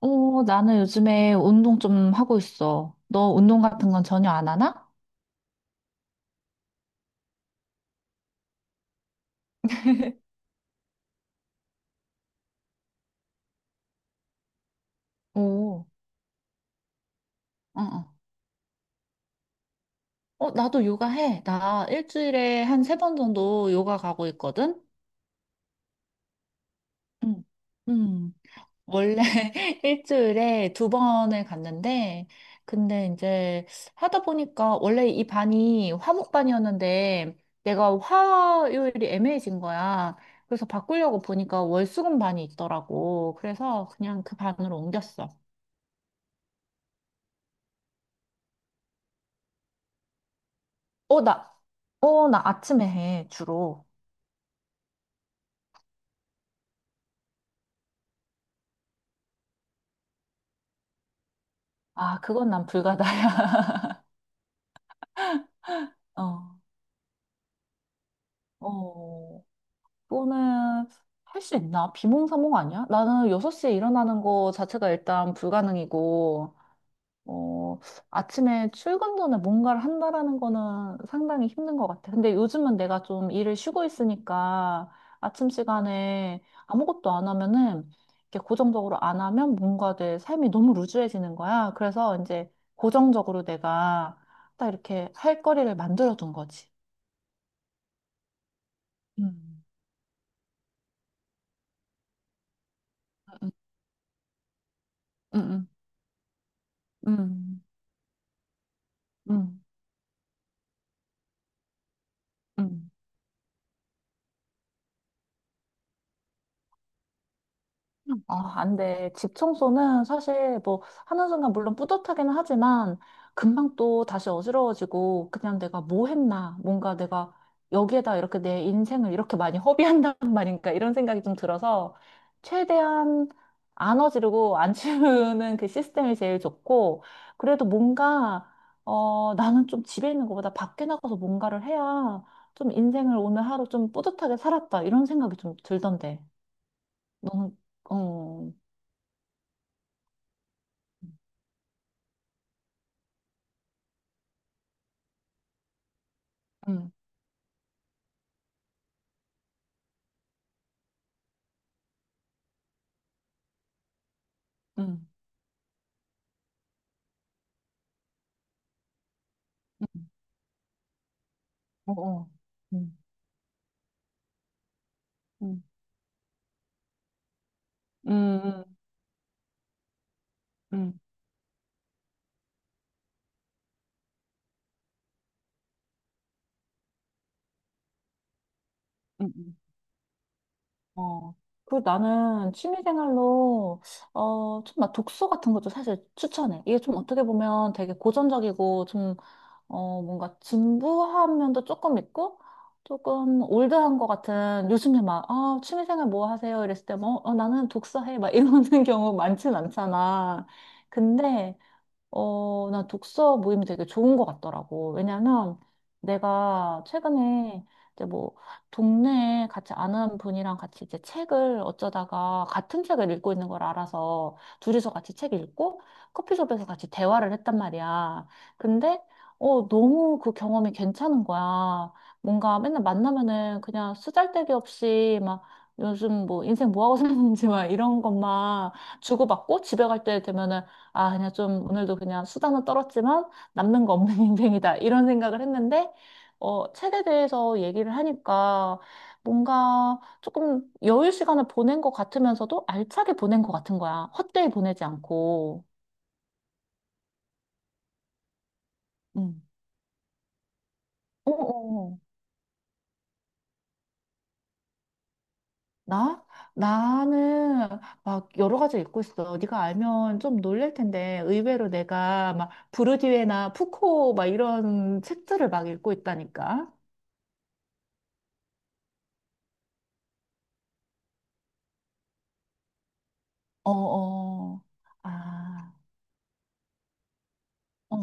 나는 요즘에 운동 좀 하고 있어. 너 운동 같은 건 전혀 안 하나? 오, 어, 어. 나도 요가 해. 나 일주일에 한 3번 정도 요가 가고 있거든? 응. 음, 원래 일주일에 두 번을 갔는데, 근데 이제 하다 보니까 원래 이 반이 화목반이었는데, 내가 화요일이 애매해진 거야. 그래서 바꾸려고 보니까 월수금 반이 있더라고. 그래서 그냥 그 반으로 옮겼어. 어, 나, 나 아침에 해, 주로. 아, 그건 난 불가다야. 어, 어, 그거는 할 수 있나? 비몽사몽 아니야? 나는 6시에 일어나는 거 자체가 일단 불가능이고, 어, 아침에 출근 전에 뭔가를 한다라는 거는 상당히 힘든 것 같아. 근데 요즘은 내가 좀 일을 쉬고 있으니까 아침 시간에 아무것도 안 하면은, 이렇게 고정적으로 안 하면 뭔가 내 삶이 너무 루즈해지는 거야. 그래서 이제 고정적으로 내가 딱 이렇게 할 거리를 만들어둔 거지. 음, 음, 음, 음, 음, 음. 음. 아, 안 돼. 집 청소는 사실 뭐는순간 물론 뿌듯하기는 하지만 금방 또 다시 어지러워지고, 그냥 내가 뭐 했나, 뭔가 내가 여기에다 이렇게 내 인생을 이렇게 많이 허비한단 말인가 이런 생각이 좀 들어서 최대한 안 어지르고 안 치우는 그 시스템이 제일 좋고. 그래도 뭔가 나는 좀 집에 있는 것보다 밖에 나가서 뭔가를 해야 좀 인생을 오늘 하루 좀 뿌듯하게 살았다 이런 생각이 좀 들던데. 너는? 어. 응, 응, 응, 어, 어, 응, 응, 응, 응, 응, 응. 응. 어. 그리고 나는 취미생활로, 좀 막 독서 같은 것도 사실 추천해. 이게 좀 어떻게 보면 되게 고전적이고, 좀, 뭔가 진부한 면도 조금 있고, 조금 올드한 것 같은, 요즘에 막, 아, 취미생활 뭐 하세요? 이랬을 때, 뭐, 나는 독서해. 막 이러는 경우 많진 않잖아. 근데, 나 독서 모임이 되게 좋은 것 같더라고. 왜냐면 내가 최근에 이제 뭐 동네에 같이 아는 분이랑 같이 이제 책을 어쩌다가 같은 책을 읽고 있는 걸 알아서 둘이서 같이 책 읽고 커피숍에서 같이 대화를 했단 말이야. 근데 너무 그 경험이 괜찮은 거야. 뭔가 맨날 만나면은 그냥 수잘데기 없이 막 요즘 뭐 인생 뭐 하고 사는지 막 이런 것만 주고받고 집에 갈 때 되면은 아, 그냥 좀 오늘도 그냥 수단은 떨었지만 남는 거 없는 인생이다, 이런 생각을 했는데, 책에 대해서 얘기를 하니까 뭔가 조금 여유 시간을 보낸 것 같으면서도 알차게 보낸 것 같은 거야. 헛되이 보내지 않고. 응. 어, 어, 어. 나? 나는 막 여러 가지 읽고 있어. 네가 알면 좀 놀랄 텐데 의외로 내가 막 부르디외나 푸코 막 이런 책들을 막 읽고 있다니까. 어, 어. 아. 어,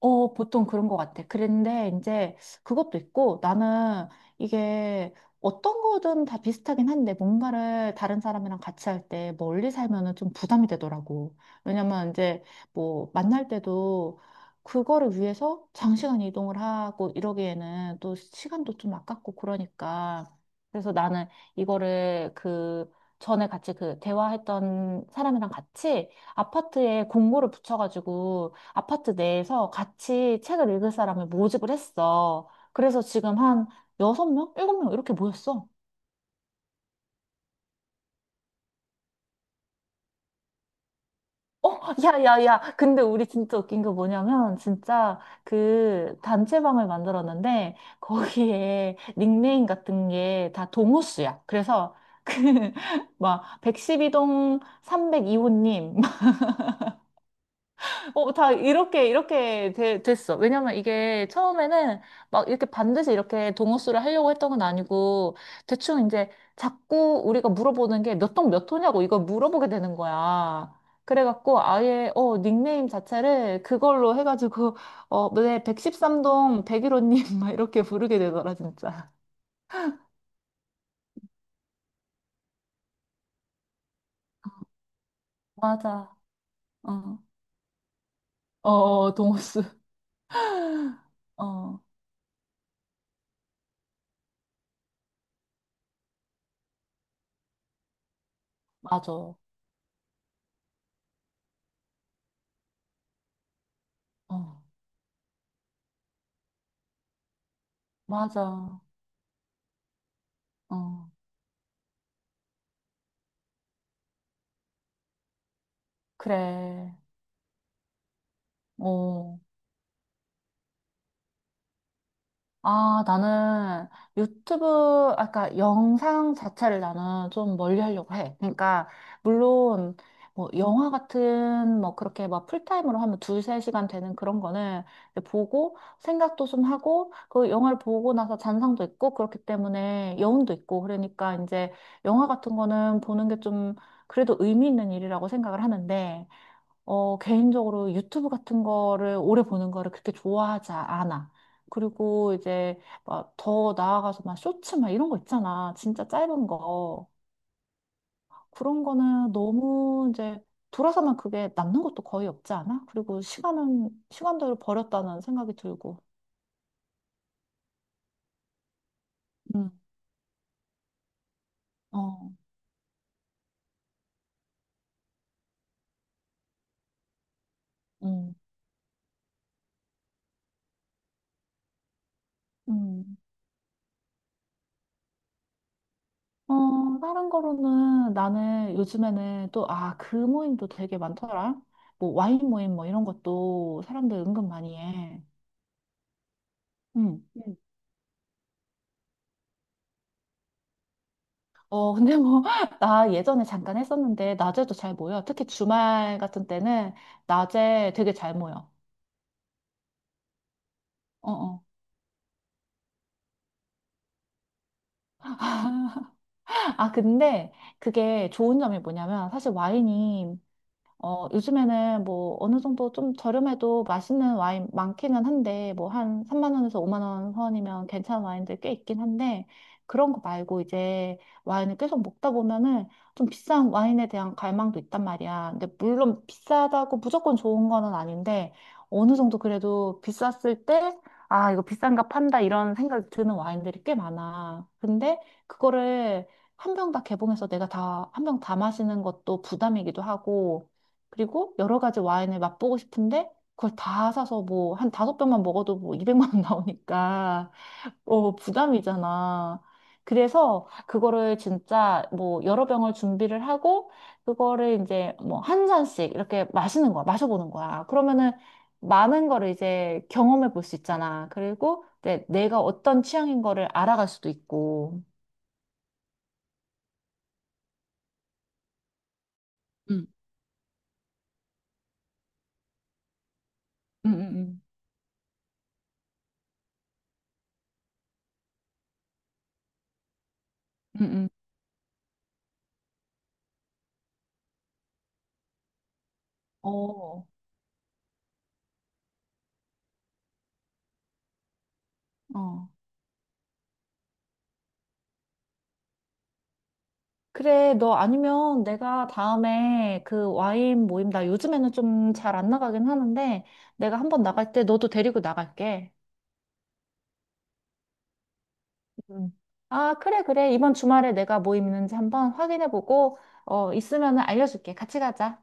보통 그런 것 같아. 그런데 이제 그것도 있고 나는, 이게 어떤 거든 다 비슷하긴 한데 뭔가를 다른 사람이랑 같이 할 때 멀리 살면은 좀 부담이 되더라고. 왜냐면 이제 뭐 만날 때도 그거를 위해서 장시간 이동을 하고 이러기에는 또 시간도 좀 아깝고 그러니까. 그래서 나는 이거를, 그 전에 같이 그 대화했던 사람이랑 같이 아파트에 공고를 붙여가지고 아파트 내에서 같이 책을 읽을 사람을 모집을 했어. 그래서 지금 한 6명 7명 이렇게 모였어. 어, 야, 야, 야. 근데 우리 진짜 웃긴 게 뭐냐면, 진짜 그 단체방을 만들었는데, 거기에 닉네임 같은 게 다 동호수야. 그래서 그, 막, 112동 302호님, 다 이렇게, 이렇게 됐어. 왜냐면 이게 처음에는 막 이렇게 반드시 이렇게 동호수를 하려고 했던 건 아니고, 대충 이제 자꾸 우리가 물어보는 게 몇 동 몇 호냐고, 이걸 물어보게 되는 거야. 그래갖고 아예, 닉네임 자체를 그걸로 해가지고, 네, 113동 101호님 막 이렇게 부르게 되더라, 진짜. 맞아. 어, 어, 어, 동호수. 어, 맞아. 어, 맞아. 어, 그래. 어. 아, 나는 유튜브, 아까 영상 자체를 나는 좀 멀리 하려고 해. 그러니까, 물론, 뭐, 영화 같은, 뭐, 그렇게 막 풀타임으로 하면 두세 시간 되는 그런 거는 이제 보고, 생각도 좀 하고, 그 영화를 보고 나서 잔상도 있고, 그렇기 때문에 여운도 있고, 그러니까 이제 영화 같은 거는 보는 게 좀 그래도 의미 있는 일이라고 생각을 하는데, 개인적으로 유튜브 같은 거를 오래 보는 거를 그렇게 좋아하지 않아. 그리고 이제 막 더 나아가서 막 쇼츠 막 이런 거 있잖아. 진짜 짧은 거. 그런 거는 너무 이제 돌아서면 그게 남는 것도 거의 없지 않아? 그리고 시간은 시간대로 버렸다는 생각이 들고. 음, 어, 음, 음. 다른 거로는 나는 요즘에는 또, 아, 그 모임도 되게 많더라. 뭐 와인 모임 뭐 이런 것도 사람들 은근 많이 해. 음. 음. 근데 뭐, 나 예전에 잠깐 했었는데, 낮에도 잘 모여. 특히 주말 같은 때는 낮에 되게 잘 모여. 어, 어. 아, 근데 그게 좋은 점이 뭐냐면, 사실 와인이, 요즘에는 뭐 어느 정도 좀 저렴해도 맛있는 와인 많기는 한데, 뭐 한 3만 원에서 5만 원 선이면 괜찮은 와인들 꽤 있긴 한데, 그런 거 말고 이제 와인을 계속 먹다 보면은 좀 비싼 와인에 대한 갈망도 있단 말이야. 근데 물론 비싸다고 무조건 좋은 거는 아닌데 어느 정도 그래도 비쌌을 때, 아, 이거 비싼가 판다 이런 생각이 드는 와인들이 꽤 많아. 근데 그거를 한 병 다 개봉해서 내가 다, 한 병 다 마시는 것도 부담이기도 하고, 그리고 여러 가지 와인을 맛보고 싶은데 그걸 다 사서 뭐 한 다섯 병만 먹어도 뭐 200만 원 나오니까 부담이잖아. 그래서 그거를 진짜 뭐 여러 병을 준비를 하고 그거를 이제 뭐 한 잔씩 이렇게 마시는 거야. 마셔보는 거야. 그러면은 많은 거를 이제 경험해 볼 수 있잖아. 그리고 이제 내가 어떤 취향인 거를 알아갈 수도 있고. 응, 응, 응, 응, 응. 응. 어, 어. 그래, 너 아니면 내가 다음에 그 와인 모임, 나 요즘에는 좀 잘 안 나가긴 하는데, 내가 한번 나갈 때 너도 데리고 나갈게. 음. 아, 그래, 그래. 이번 주말에 내가 모임 있는지 한번 확인해보고, 있으면 알려줄게. 같이 가자.